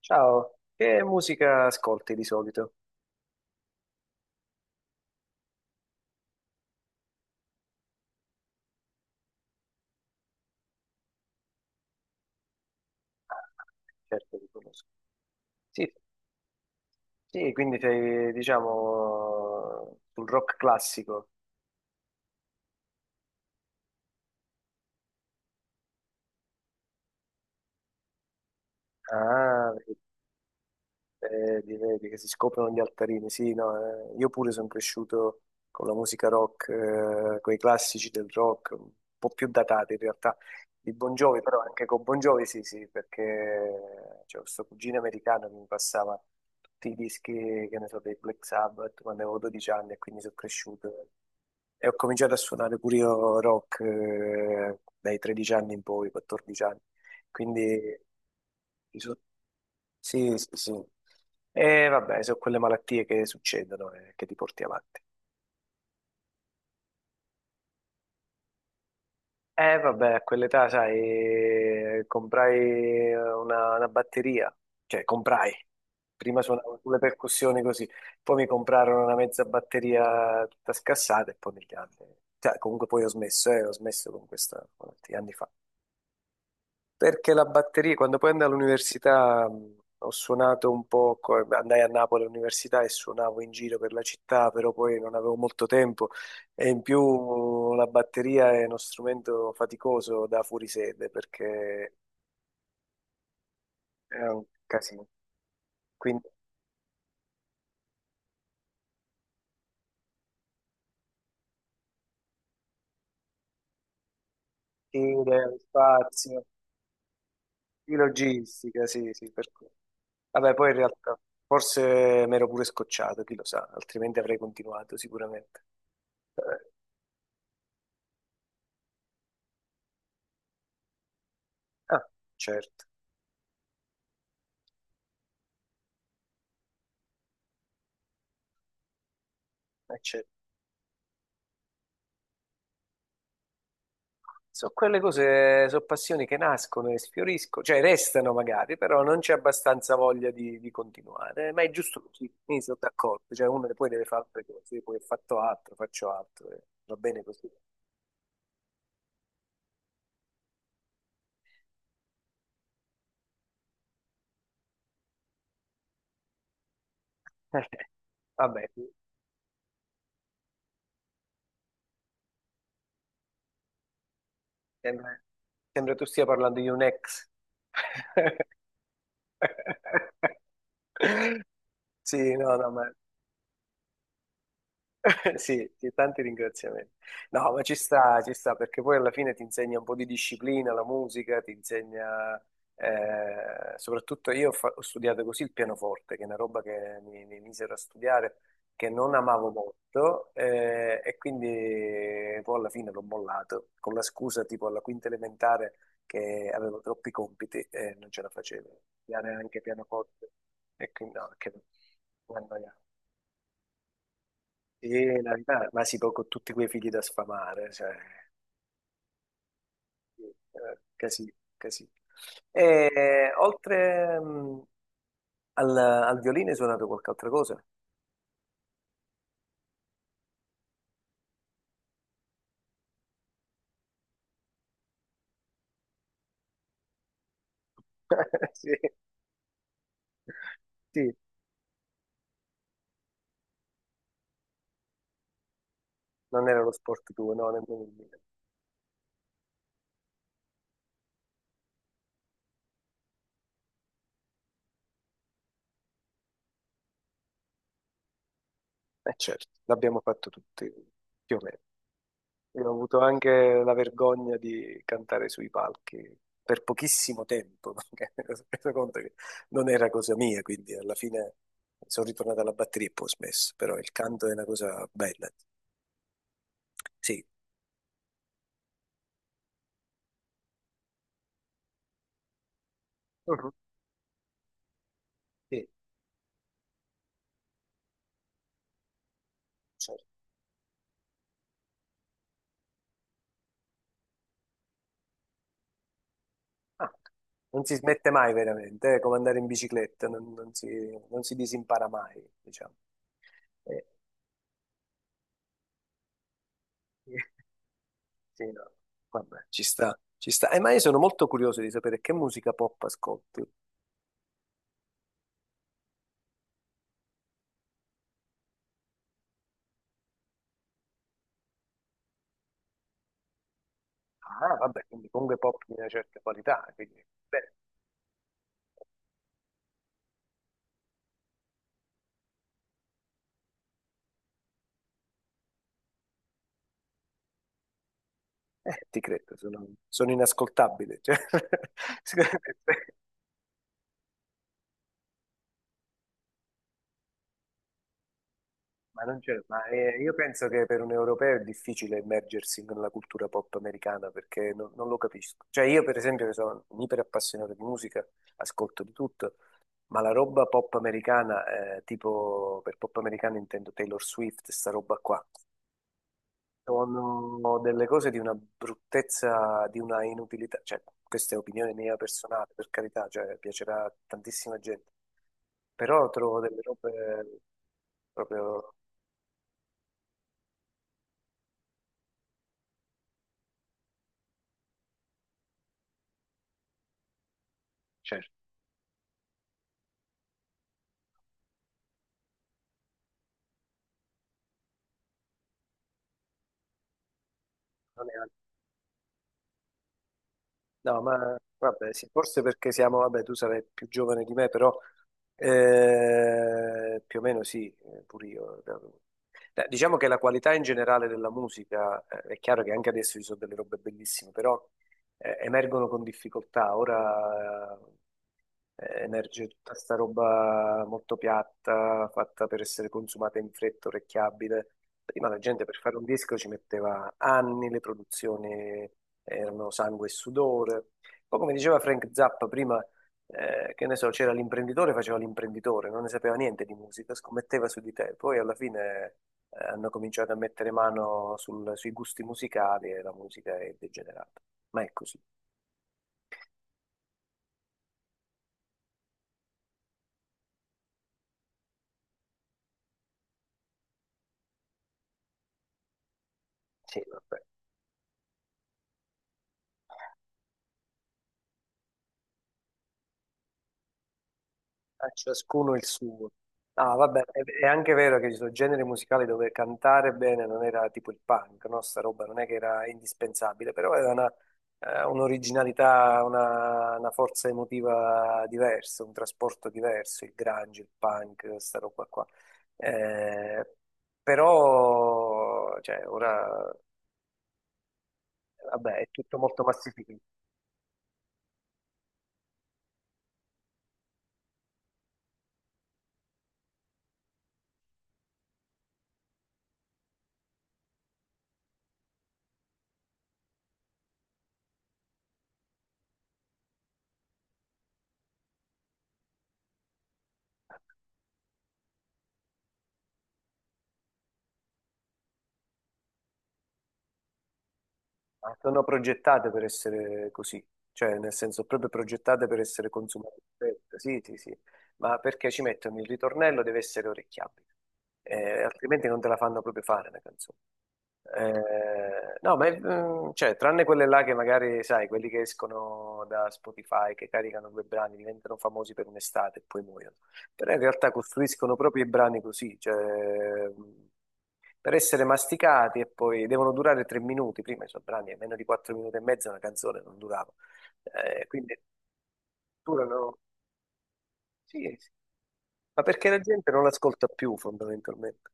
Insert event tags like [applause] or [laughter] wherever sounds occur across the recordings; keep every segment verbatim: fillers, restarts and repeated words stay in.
Ciao, che musica ascolti di solito? Certo, ti conosco. Sì, sì, quindi sei, diciamo, sul rock classico. Ah, vedi, vedi che si scoprono gli altarini. Sì, no, eh, io pure sono cresciuto con la musica rock, eh, con i classici del rock, un po' più datati in realtà, di Bon Jovi, però anche con Bon Jovi sì, sì, perché c'è questo cugino americano che mi passava tutti i dischi, che ne so, dei Black Sabbath quando avevo dodici anni e quindi sono cresciuto. E ho cominciato a suonare pure io rock eh, dai tredici anni in poi, quattordici anni. Quindi ci so- sì, sì, sì. E vabbè, sono quelle malattie che succedono e che ti porti avanti. E vabbè, a quell'età, sai, eh, comprai eh, una, una batteria, cioè comprai. Prima suonavo con le percussioni così, poi mi comprarono una mezza batteria tutta scassata e poi negli anni. Cioè, comunque poi ho smesso, eh, ho smesso con questa, con tanti anni fa. Perché la batteria, quando poi andai all'università, mh, ho suonato un po', co- andai a Napoli all'università e suonavo in giro per la città, però poi non avevo molto tempo e in più la batteria è uno strumento faticoso da fuorisede perché è un casino. Quindi file, spazio, di logistica, sì, sì, per cui. Vabbè, poi in realtà forse mi ero pure scocciato, chi lo sa, altrimenti avrei continuato sicuramente. Eh, Ah, certo, eh, certo. Sono quelle cose, sono passioni che nascono e sfioriscono, cioè restano magari, però non c'è abbastanza voglia di, di continuare. Ma è giusto così, mi sono d'accordo. Cioè uno poi deve fare altre cose, poi ho fatto altro, faccio altro, e va bene così. [laughs] Vabbè, sembra, sembra tu stia parlando di un ex. [laughs] Sì, no, no, ma [laughs] sì, sì, tanti ringraziamenti. No, ma ci sta, ci sta, perché poi alla fine ti insegna un po' di disciplina, la musica, ti insegna, eh, soprattutto io ho, fa- ho studiato così il pianoforte, che è una roba che mi, mi misero a studiare, che non amavo molto, eh, e quindi poi alla fine l'ho mollato, con la scusa tipo alla quinta elementare che avevo troppi compiti e non ce la facevo, studiare anche pianoforte, e quindi no, che. E la verità, ma sì, poi con tutti quei figli da sfamare, cioè, eh, casino, casino. E oltre mm, al, al violino hai suonato qualche altra cosa? [laughs] Sì, sì, non era lo sport tuo, no, nemmeno il mio. Eh certo, l'abbiamo fatto tutti, più o meno. E ho avuto anche la vergogna di cantare sui palchi per pochissimo tempo, [laughs] perché mi sono reso conto che non era cosa mia, quindi alla fine sono ritornato alla batteria e poi ho smesso, però il canto è una cosa bella. Sì, mhm. Sì, certo. Ah, non si smette mai veramente, è come andare in bicicletta, non, non si, non si disimpara mai, diciamo. Eh, sì, [laughs] no. Vabbè, ci sta, ci sta. Eh, ma io sono molto curioso di sapere che musica pop ascolti. Ah, vabbè, quindi comunque pop di una certa qualità, quindi beh, eh, ti credo, sono, sono inascoltabile, cioè, [laughs] sicuramente. Ma non c'è, ma eh, io penso che per un europeo è difficile immergersi nella cultura pop americana perché non, non lo capisco. Cioè io per esempio che sono un iper appassionato di musica, ascolto di tutto, ma la roba pop americana, eh, tipo per pop americana intendo Taylor Swift, sta roba qua. Sono delle cose di una bruttezza, di una inutilità, cioè questa è opinione mia personale, per carità, cioè piacerà a tantissima gente, però trovo delle robe proprio, certo, non è. No, ma vabbè, sì, forse perché siamo, vabbè, tu sarai più giovane di me, però eh, più o meno sì, eh, pure io. Eh, Diciamo che la qualità in generale della musica, eh, è chiaro che anche adesso ci sono delle robe bellissime, però eh, emergono con difficoltà. Ora eh, emerge tutta sta roba molto piatta, fatta per essere consumata in fretta, orecchiabile. Prima la gente per fare un disco ci metteva anni, le produzioni erano sangue e sudore. Poi, come diceva Frank Zappa prima, eh, che ne so, c'era l'imprenditore, faceva l'imprenditore, non ne sapeva niente di musica, scommetteva su di te. Poi alla fine eh, hanno cominciato a mettere mano sul- sui gusti musicali e la musica è degenerata. Ma è così. Sì, vabbè. Eh, ciascuno il suo. Ah, vabbè, è, è anche vero che ci sono generi musicali dove cantare bene non era tipo il punk, no? Sta roba non è che era indispensabile, però aveva una, eh, un'originalità, una, una forza emotiva diversa, un trasporto diverso, il grunge, il punk, sta roba qua. Eh, però, cioè, ora, vabbè, è tutto molto massificato. Ma sono progettate per essere così, cioè nel senso proprio progettate per essere consumate, fresche. Sì, sì, sì, ma perché ci mettono il ritornello deve essere orecchiabile, eh, altrimenti non te la fanno proprio fare la canzone. Eh, no, ma è- mm, cioè, tranne quelle là che magari, sai, quelli che escono da Spotify, che caricano due brani, diventano famosi per un'estate e poi muoiono. Però in realtà costruiscono proprio i brani così, cioè, mm, per essere masticati e poi devono durare tre minuti. Prima i suoi brani, a meno di quattro minuti e mezzo, una canzone non durava. Eh, quindi durano, sì, sì. Ma perché la gente non l'ascolta più fondamentalmente.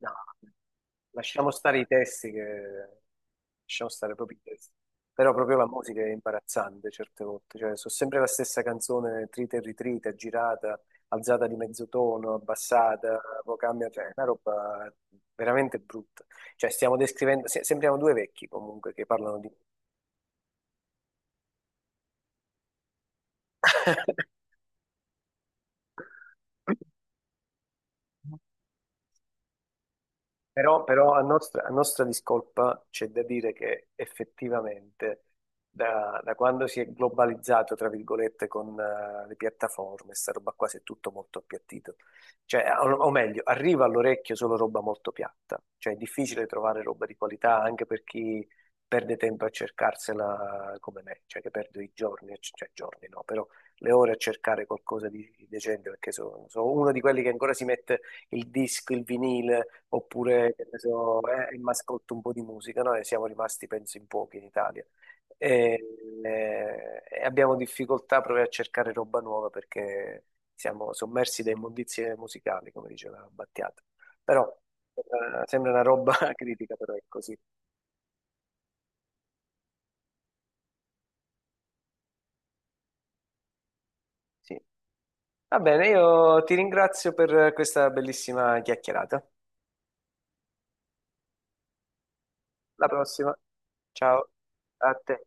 No, lasciamo stare i testi che. Lasciamo stare proprio i testi. Però proprio la musica è imbarazzante certe volte. Cioè, sono sempre la stessa canzone, trita e ritrita, girata, alzata di mezzo tono, abbassata, poi cambia. Cioè, è una roba veramente brutta. Cioè, stiamo descrivendo, se- sembriamo due vecchi comunque che parlano di. [laughs] Però, però a nostra, a nostra discolpa c'è da dire che effettivamente da, da quando si è globalizzato, tra virgolette, con eh, le piattaforme, sta roba qua si è tutto molto appiattito. Cioè, o, o meglio, arriva all'orecchio solo roba molto piatta. Cioè, è difficile trovare roba di qualità anche per chi perde tempo a cercarsela come me, cioè che perdo i giorni, cioè giorni no, però le ore a cercare qualcosa di decente perché sono, sono uno di quelli che ancora si mette il disco, il vinile, oppure che ne so, eh, il mascotto un po' di musica. Noi siamo rimasti, penso, in pochi in Italia. E, eh, e abbiamo difficoltà proprio a cercare roba nuova perché siamo sommersi da immondizie musicali, come diceva Battiato. Però eh, sembra una roba [laughs] critica, però è così. Sì. Va bene, io ti ringrazio per questa bellissima chiacchierata. Alla prossima. Ciao a te.